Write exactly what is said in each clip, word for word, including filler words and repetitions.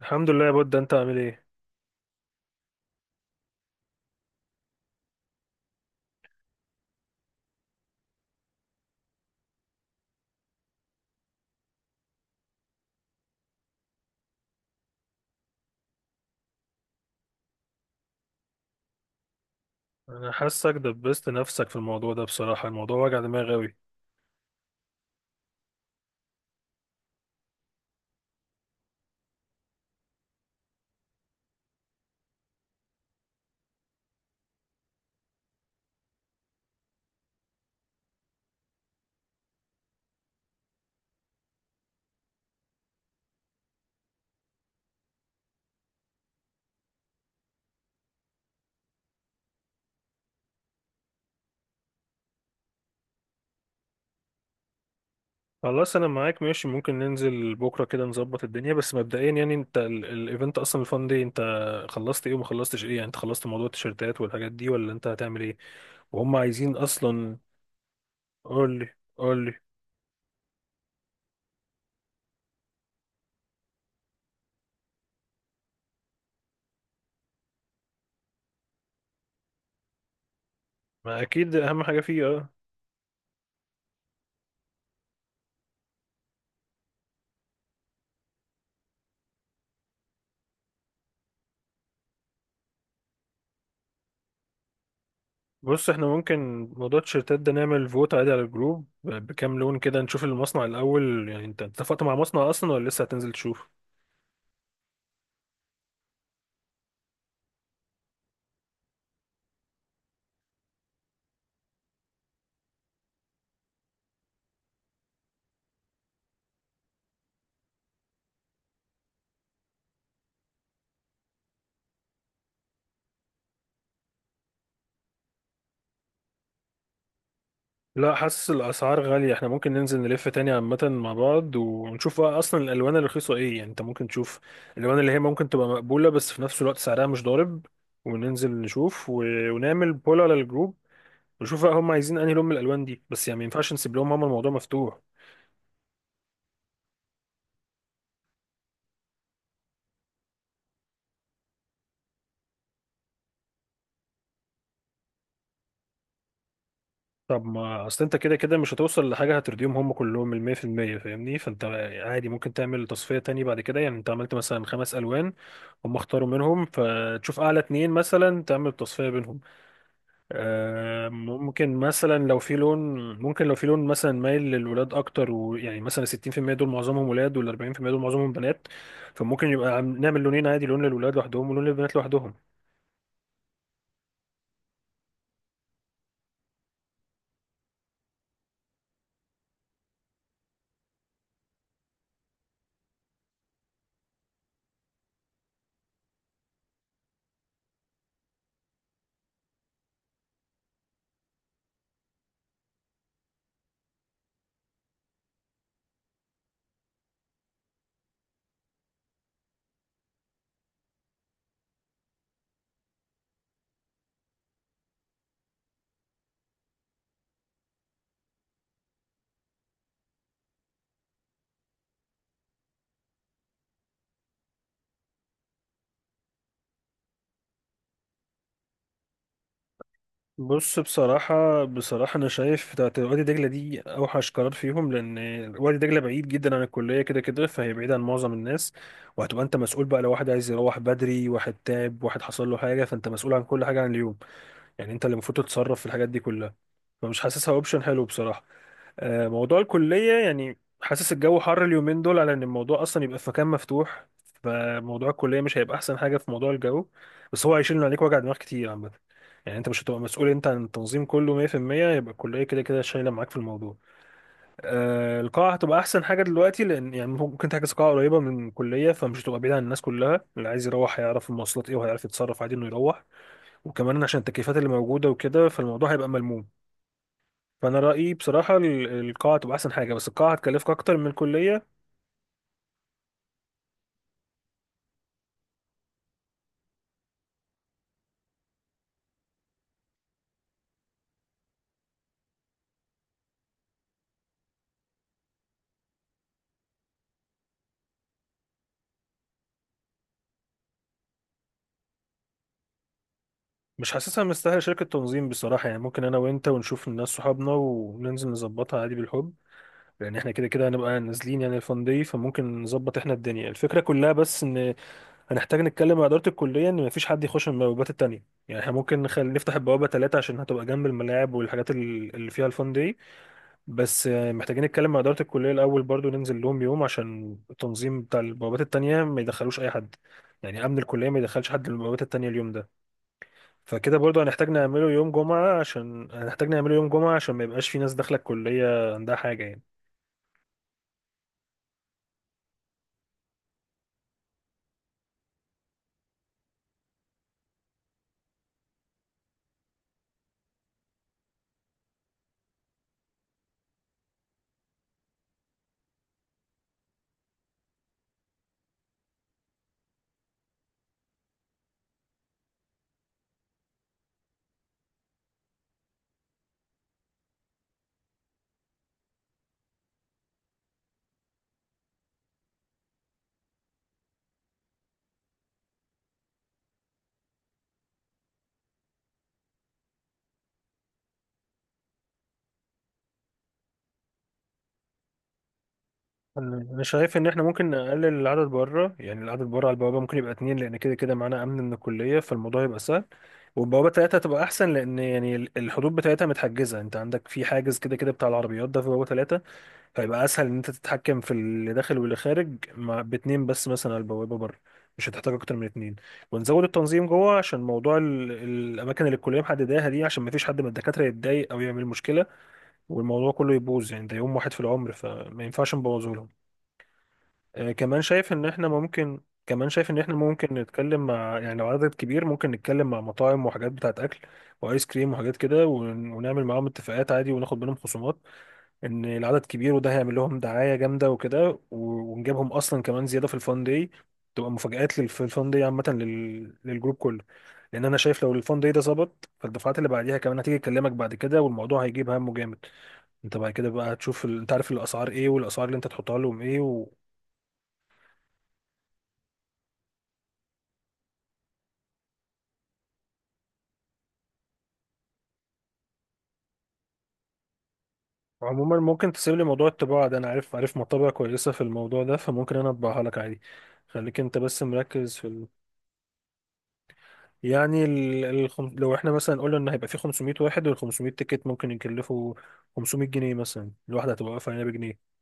الحمد لله يا بود، انت عامل ايه؟ انا حاسك دبست نفسك في الموضوع ده. بصراحة الموضوع وجع دماغ قوي. خلاص، انا معاك ماشي. ممكن ننزل بكرة كده نظبط الدنيا. بس مبدئيا يعني انت ال- الايفنت اصلا الفان دي، انت خلصت ايه وما خلصتش ايه؟ يعني انت خلصت موضوع التيشيرتات والحاجات دي ولا انت هتعمل ايه؟ وهم عايزين اصلا؟ قول لي قول لي. ما اكيد اهم حاجة فيه، اه. بص احنا ممكن موضوع التيشيرتات ده نعمل فوت عادي على الجروب ب- بكام لون كده. نشوف المصنع الاول. يعني انت اتفقت مع مصنع اصلا ولا لسه هتنزل تشوف؟ لا، حاسس الاسعار غاليه. احنا ممكن ننزل نلف تاني عامه مع بعض ونشوف بقى اصلا الالوان الرخيصه ايه. يعني انت ممكن تشوف الالوان اللي هي ممكن تبقى مقبوله بس في نفس الوقت سعرها مش ضارب، وننزل نشوف و... ونعمل بول على الجروب، ونشوف بقى هم عايزين انهي لون من الالوان دي. بس يعني ما ينفعش نسيب لهم هم الموضوع مفتوح. طب ما اصل انت كده كده مش هتوصل لحاجه هترضيهم هم كلهم ال مية في المية، فاهمني؟ فانت عادي ممكن تعمل تصفيه تاني بعد كده. يعني انت عملت مثلا خمس الوان، هم اختاروا منهم، فتشوف اعلى اتنين مثلا تعمل تصفيه بينهم. آه، ممكن مثلا لو في لون، ممكن لو في لون مثلا مايل للولاد اكتر، ويعني مثلا ستين في المية دول معظمهم ولاد، وال اربعين في المية دول معظمهم بنات. فممكن يبقى عم- نعمل لونين عادي، لون للولاد لوحدهم ولون للبنات لوحدهم. بص، بصراحة بصراحة أنا شايف بتاعت وادي دجلة دي أوحش قرار فيهم، لأن وادي دجلة بعيد جدا عن الكلية كده كده، فهي بعيدة عن معظم الناس. وهتبقى أنت مسؤول بقى، لو واحد عايز يروح بدري، واحد تعب، واحد حصل له حاجة، فأنت مسؤول عن كل حاجة، عن اليوم. يعني انت اللي المفروض تتصرف في الحاجات دي كلها. فمش حاسسها اوبشن حلو بصراحه. آه، موضوع الكليه، يعني حاسس الجو حر اليومين دول على ان الموضوع اصلا يبقى في مكان مفتوح. فموضوع الكليه مش هيبقى احسن حاجه في موضوع الجو. بس هو هيشيل من عليك وجع دماغ كتير عامه. يعني انت مش هتبقى مسؤول انت عن التنظيم كله مية في المية. يبقى الكليه كده كده شايله معاك في الموضوع. آه، القاعه هتبقى احسن حاجه دلوقتي، لان يعني ممكن تحجز قاعه قريبه من الكليه فمش هتبقى بعيد عن الناس كلها. اللي عايز يروح هيعرف المواصلات ايه، وهيعرف يتصرف عادي انه يروح. وكمان عشان التكييفات اللي موجودة وكده، فالموضوع هيبقى ملموم. فأنا رأيي بصراحة ال- القاعة تبقى أحسن حاجة، بس القاعة هتكلفك أكتر من الكلية. مش حاسسها مستاهلة شركة تنظيم بصراحة. يعني ممكن أنا وأنت ونشوف الناس صحابنا وننزل نظبطها عادي بالحب، لأن إحنا كده كده هنبقى نازلين يعني الفان دي. فممكن نظبط إحنا الدنيا الفكرة كلها. بس إن هنحتاج نتكلم مع إدارة الكلية إن مفيش حد يخش من البوابات التانية. يعني إحنا ممكن نخل... نفتح البوابة تلاتة عشان هتبقى جنب الملاعب والحاجات ال- اللي فيها الفان دي. بس آه، محتاجين نتكلم مع إدارة الكلية الأول برضو، ننزل لهم يوم عشان التنظيم بتاع البوابات التانية ما يدخلوش أي حد. يعني أمن الكلية ما يدخلش حد للبوابات التانية اليوم ده. فكده برضو هنحتاج نعمله يوم جمعة، عشان هنحتاج نعمله يوم جمعة عشان ما يبقاش في ناس داخلة الكلية عندها حاجة يعني. أنا أنا شايف إن إحنا ممكن نقلل العدد بره. يعني العدد بره على البوابة ممكن يبقى اتنين، لأن كده كده معانا أمن من الكلية فالموضوع يبقى سهل. والبوابة تلاتة هتبقى أحسن، لأن يعني الحدود بتاعتها متحجزة. أنت عندك في حاجز كده كده بتاع العربيات ده في بوابة تلاتة. فيبقى اسهل ان انت تتحكم في اللي داخل واللي خارج. مع باتنين بس مثلا على البوابه بره، مش هتحتاج اكتر من اتنين. ونزود التنظيم جوه عشان موضوع ال... الاماكن اللي الكليه محدداها دي، عشان ما فيش حد من الدكاتره يتضايق او يعمل مشكله والموضوع كله يبوظ. يعني ده يوم واحد في العمر فما ينفعش نبوظه لهم. آه كمان شايف ان احنا ممكن كمان شايف ان احنا ممكن نتكلم مع، يعني لو عدد كبير، ممكن نتكلم مع مطاعم وحاجات بتاعت اكل وايس كريم وحاجات كده ون... ونعمل معاهم اتفاقات عادي وناخد منهم خصومات. ان العدد كبير وده هيعمل لهم دعايه جامده وكده و- ونجيبهم اصلا كمان زياده في الفان داي. تبقى مفاجآت لل- في الفان داي عامه لل... للجروب كله. لان انا شايف لو الفان داي ده ظبط، فالدفعات اللي بعديها كمان هتيجي تكلمك بعد كده، والموضوع هيجيب همه جامد. انت بعد كده بقى هتشوف ال... انت عارف الاسعار ايه، والاسعار اللي انت تحطها لهم ايه و... وعموما ممكن تسيب لي موضوع الطباعه ده. انا عارف عارف مطابع كويسه في الموضوع ده، فممكن انا اطبعها لك عادي. خليك انت بس مركز في. يعني ال... الخم... لو احنا مثلا قلنا ان هيبقى في خمسمية واحد، وال خمسمية تيكت ممكن يكلفوا خمسمية جنيه مثلا، الواحده هتبقى واقفه هنا بجنيه.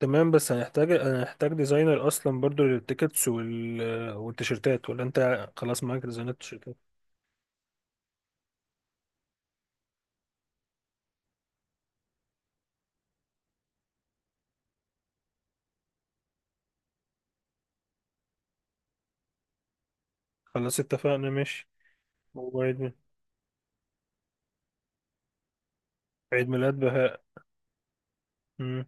تمام، بس هنحتاج هنحتاج ديزاينر اصلا برضو للتيكتس وال... والتيشيرتات، ولا انت خلاص معاك ديزاينر التيشيرتات؟ خلاص اتفقنا ماشي. وعيد ميلاد عيد ميلاد بهاء. مم.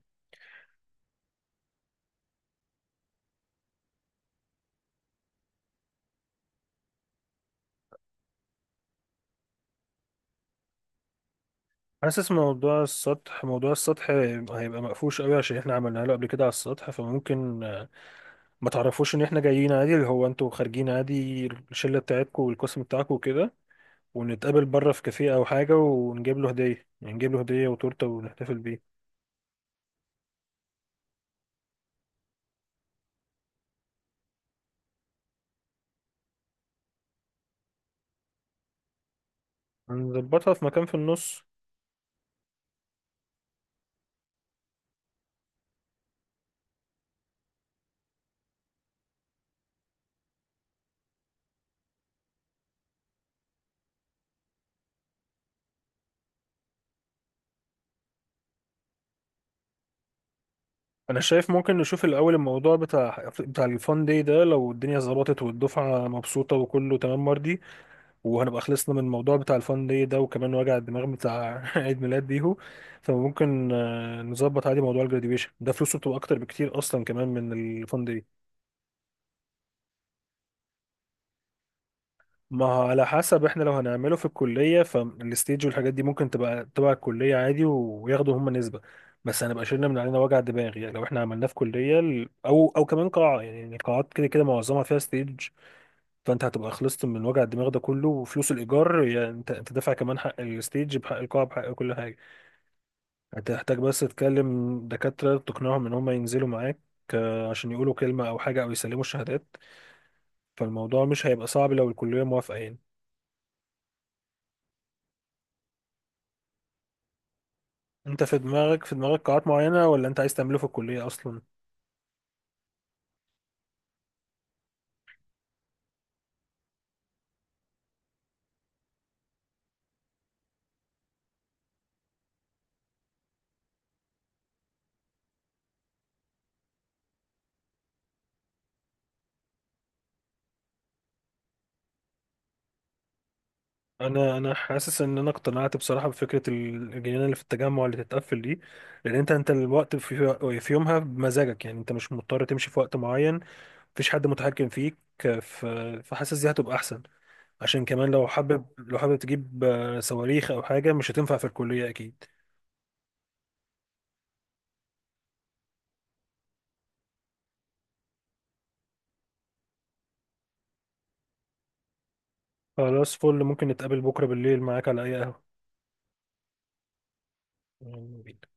حاسس موضوع السطح، موضوع السطح هيبقى مقفوش قوي عشان احنا عملناه له قبل كده على السطح. فممكن آه، ما تعرفوش ان احنا جايين عادي، اللي هو انتوا خارجين عادي الشله بتاعتكم والقسم بتاعكم وكده، ونتقابل بره في كافيه او حاجه، ونجيب له هديه. يعني نجيب له هديه وتورته، ونحتفل بيه. هنظبطها في مكان في النص. انا شايف ممكن نشوف الاول الموضوع بتاع بتاع الفان داي ده. لو الدنيا ظبطت والدفعه مبسوطه وكله تمام مرضي، وهنبقى خلصنا من الموضوع بتاع الفان داي ده، وكمان وجع الدماغ بتاع عيد ميلاد بيهو، فممكن آه، نظبط عادي موضوع الجراديويشن ده. فلوسه بتبقى اكتر بكتير اصلا كمان من الفان داي. ما هو على حسب، احنا لو هنعمله في الكلية فالستيج والحاجات دي ممكن تبقى تبع الكلية عادي وياخدوا هم نسبة. بس هنبقى شلنا من علينا وجع دماغ. يعني لو احنا عملناه في كلية ال- او او كمان قاعة، يعني القاعات كده كده معظمها فيها ستيج. فانت هتبقى خلصت من وجع الدماغ ده كله. وفلوس الايجار يعني انت انت دافع كمان حق الستيج بحق القاعة بحق كل حاجة. هتحتاج بس تكلم دكاترة تقنعهم ان هم ينزلوا معاك، آه، عشان يقولوا كلمة او حاجة او يسلموا الشهادات. فالموضوع مش هيبقى صعب لو الكلية موافقة يعني. انت في دماغك في دماغك قاعات معينة، ولا انت عايز تعمله في الكلية اصلا؟ انا انا حاسس ان انا اقتنعت بصراحة بفكرة ال- الجنينة اللي في التجمع اللي تتقفل دي. لان انت انت الوقت في في يومها بمزاجك، يعني انت مش مضطر تمشي في وقت معين. مفيش حد متحكم فيك. ف- فحاسس دي هتبقى احسن. عشان كمان لو حابب لو حابب تجيب آه، صواريخ او حاجة، مش هتنفع في الكلية اكيد. خلاص فل، ممكن نتقابل بكرة بالليل معاك على اي قهوة. يلا بينا.